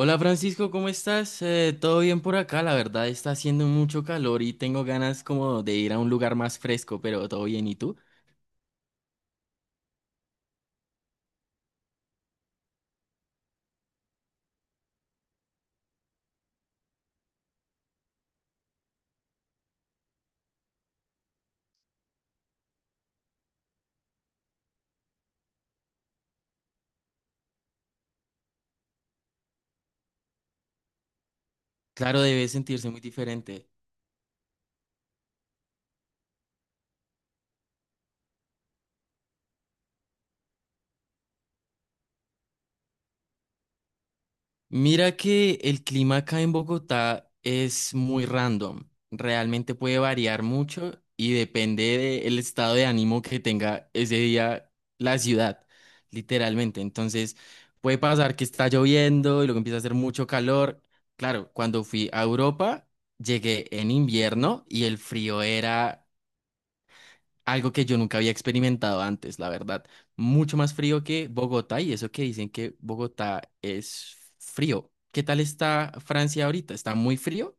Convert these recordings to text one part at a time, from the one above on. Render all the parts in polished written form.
Hola Francisco, ¿cómo estás? Todo bien por acá, la verdad está haciendo mucho calor y tengo ganas como de ir a un lugar más fresco, pero todo bien, ¿y tú? Claro, debe sentirse muy diferente. Mira que el clima acá en Bogotá es muy random. Realmente puede variar mucho y depende del estado de ánimo que tenga ese día la ciudad, literalmente. Entonces, puede pasar que está lloviendo y luego empieza a hacer mucho calor. Claro, cuando fui a Europa, llegué en invierno y el frío era algo que yo nunca había experimentado antes, la verdad. Mucho más frío que Bogotá y eso que dicen que Bogotá es frío. ¿Qué tal está Francia ahorita? ¿Está muy frío?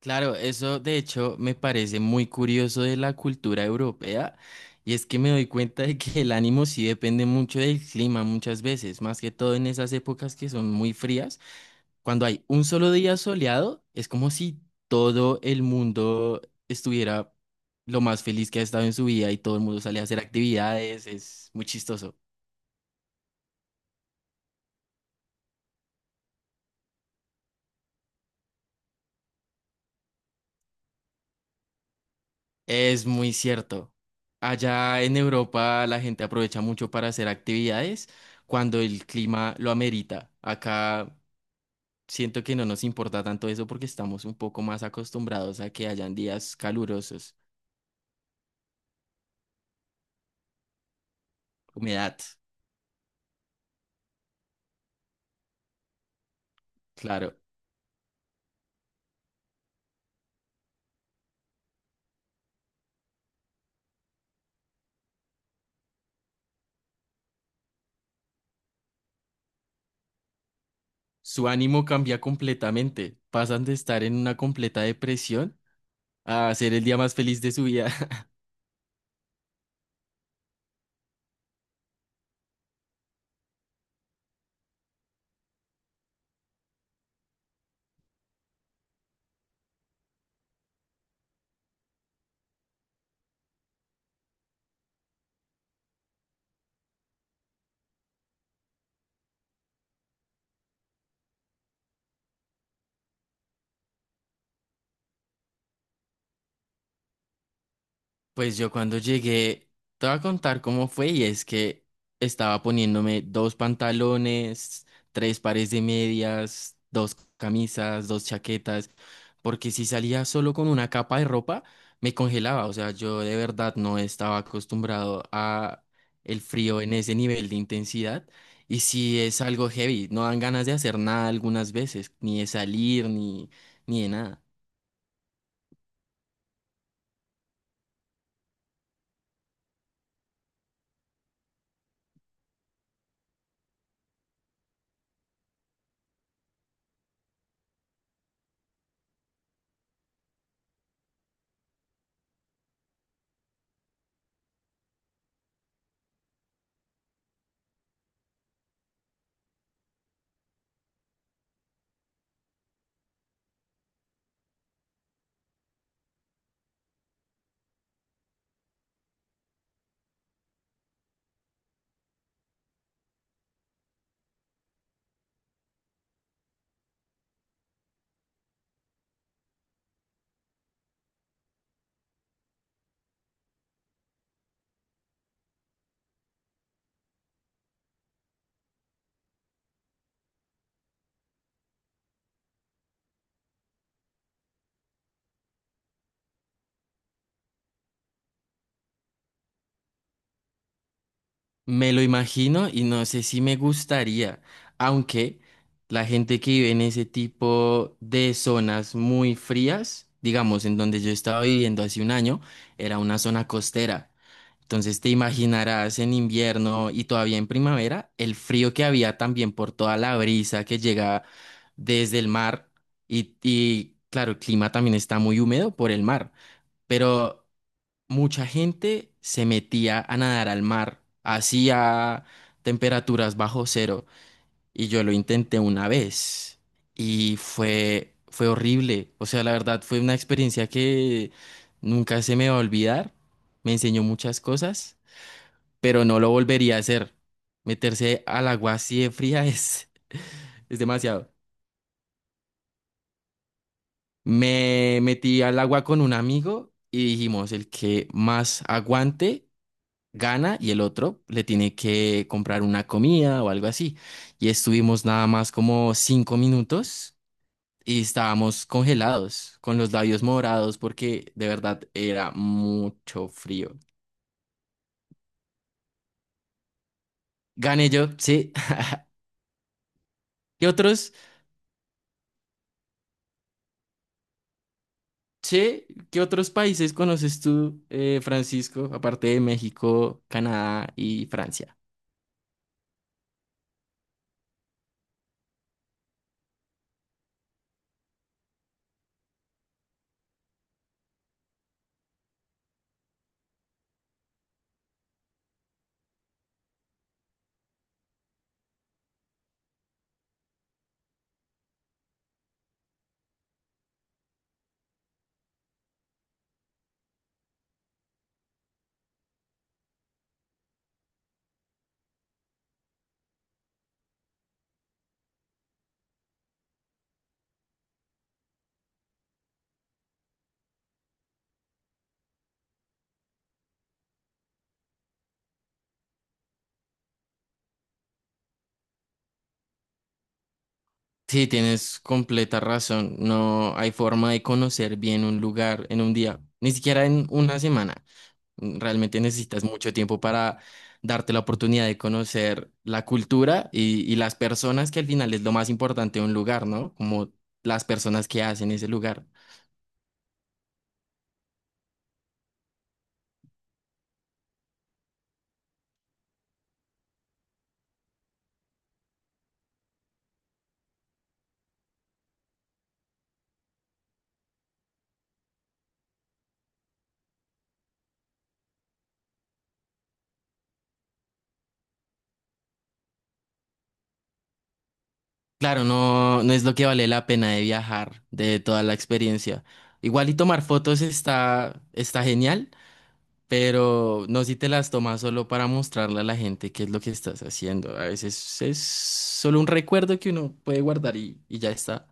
Claro, eso de hecho me parece muy curioso de la cultura europea y es que me doy cuenta de que el ánimo sí depende mucho del clima muchas veces, más que todo en esas épocas que son muy frías. Cuando hay un solo día soleado, es como si todo el mundo estuviera lo más feliz que ha estado en su vida y todo el mundo sale a hacer actividades, es muy chistoso. Es muy cierto. Allá en Europa la gente aprovecha mucho para hacer actividades cuando el clima lo amerita. Acá siento que no nos importa tanto eso porque estamos un poco más acostumbrados a que hayan días calurosos, humedad, claro. Su ánimo cambia completamente. Pasan de estar en una completa depresión a ser el día más feliz de su vida. Pues yo cuando llegué, te voy a contar cómo fue y es que estaba poniéndome dos pantalones, tres pares de medias, dos camisas, dos chaquetas, porque si salía solo con una capa de ropa, me congelaba, o sea, yo de verdad no estaba acostumbrado a el frío en ese nivel de intensidad y si es algo heavy, no dan ganas de hacer nada algunas veces, ni de salir, ni de nada. Me lo imagino y no sé si me gustaría, aunque la gente que vive en ese tipo de zonas muy frías, digamos, en donde yo estaba viviendo hace un año, era una zona costera. Entonces te imaginarás en invierno y todavía en primavera el frío que había también por toda la brisa que llega desde el mar y claro, el clima también está muy húmedo por el mar, pero mucha gente se metía a nadar al mar, así a temperaturas bajo cero, y yo lo intenté una vez y fue horrible, o sea, la verdad fue una experiencia que nunca se me va a olvidar, me enseñó muchas cosas, pero no lo volvería a hacer. Meterse al agua así de fría es es demasiado. Me metí al agua con un amigo y dijimos, el que más aguante gana y el otro le tiene que comprar una comida o algo así. Y estuvimos nada más como 5 minutos y estábamos congelados, con los labios morados, porque de verdad era mucho frío. Gané yo, sí. ¿Qué otros, che, qué otros países conoces tú, Francisco, aparte de México, Canadá y Francia? Sí, tienes completa razón. No hay forma de conocer bien un lugar en un día, ni siquiera en una semana. Realmente necesitas mucho tiempo para darte la oportunidad de conocer la cultura y las personas, que al final es lo más importante de un lugar, ¿no? Como las personas que hacen ese lugar. Claro, no, no es lo que vale la pena de viajar, de toda la experiencia. Igual y tomar fotos está genial, pero no si te las tomas solo para mostrarle a la gente qué es lo que estás haciendo. A veces es solo un recuerdo que uno puede guardar y ya está.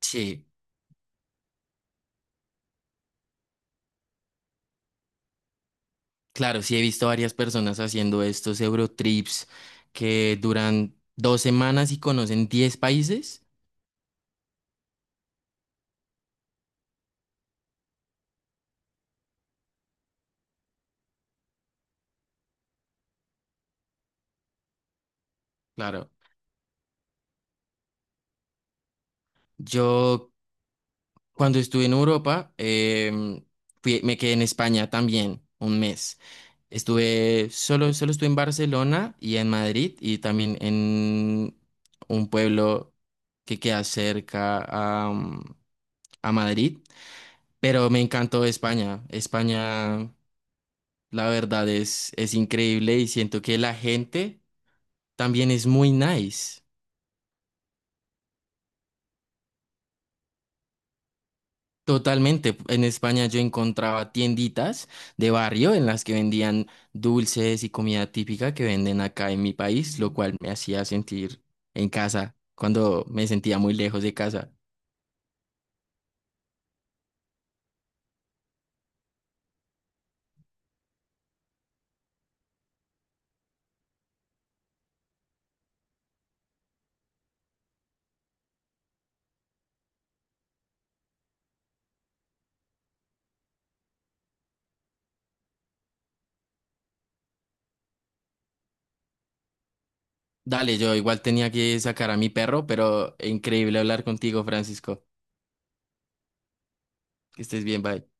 Sí. Claro, sí he visto varias personas haciendo estos Eurotrips que duran 2 semanas y conocen 10 países. Claro, yo cuando estuve en Europa, me quedé en España también un mes. Estuve, solo estuve en Barcelona y en Madrid y también en un pueblo que queda cerca a Madrid, pero me encantó España. La verdad es increíble y siento que la gente también es muy nice. Totalmente. En España yo encontraba tienditas de barrio en las que vendían dulces y comida típica que venden acá en mi país, lo cual me hacía sentir en casa cuando me sentía muy lejos de casa. Dale, yo igual tenía que sacar a mi perro, pero increíble hablar contigo, Francisco. Que estés bien, bye.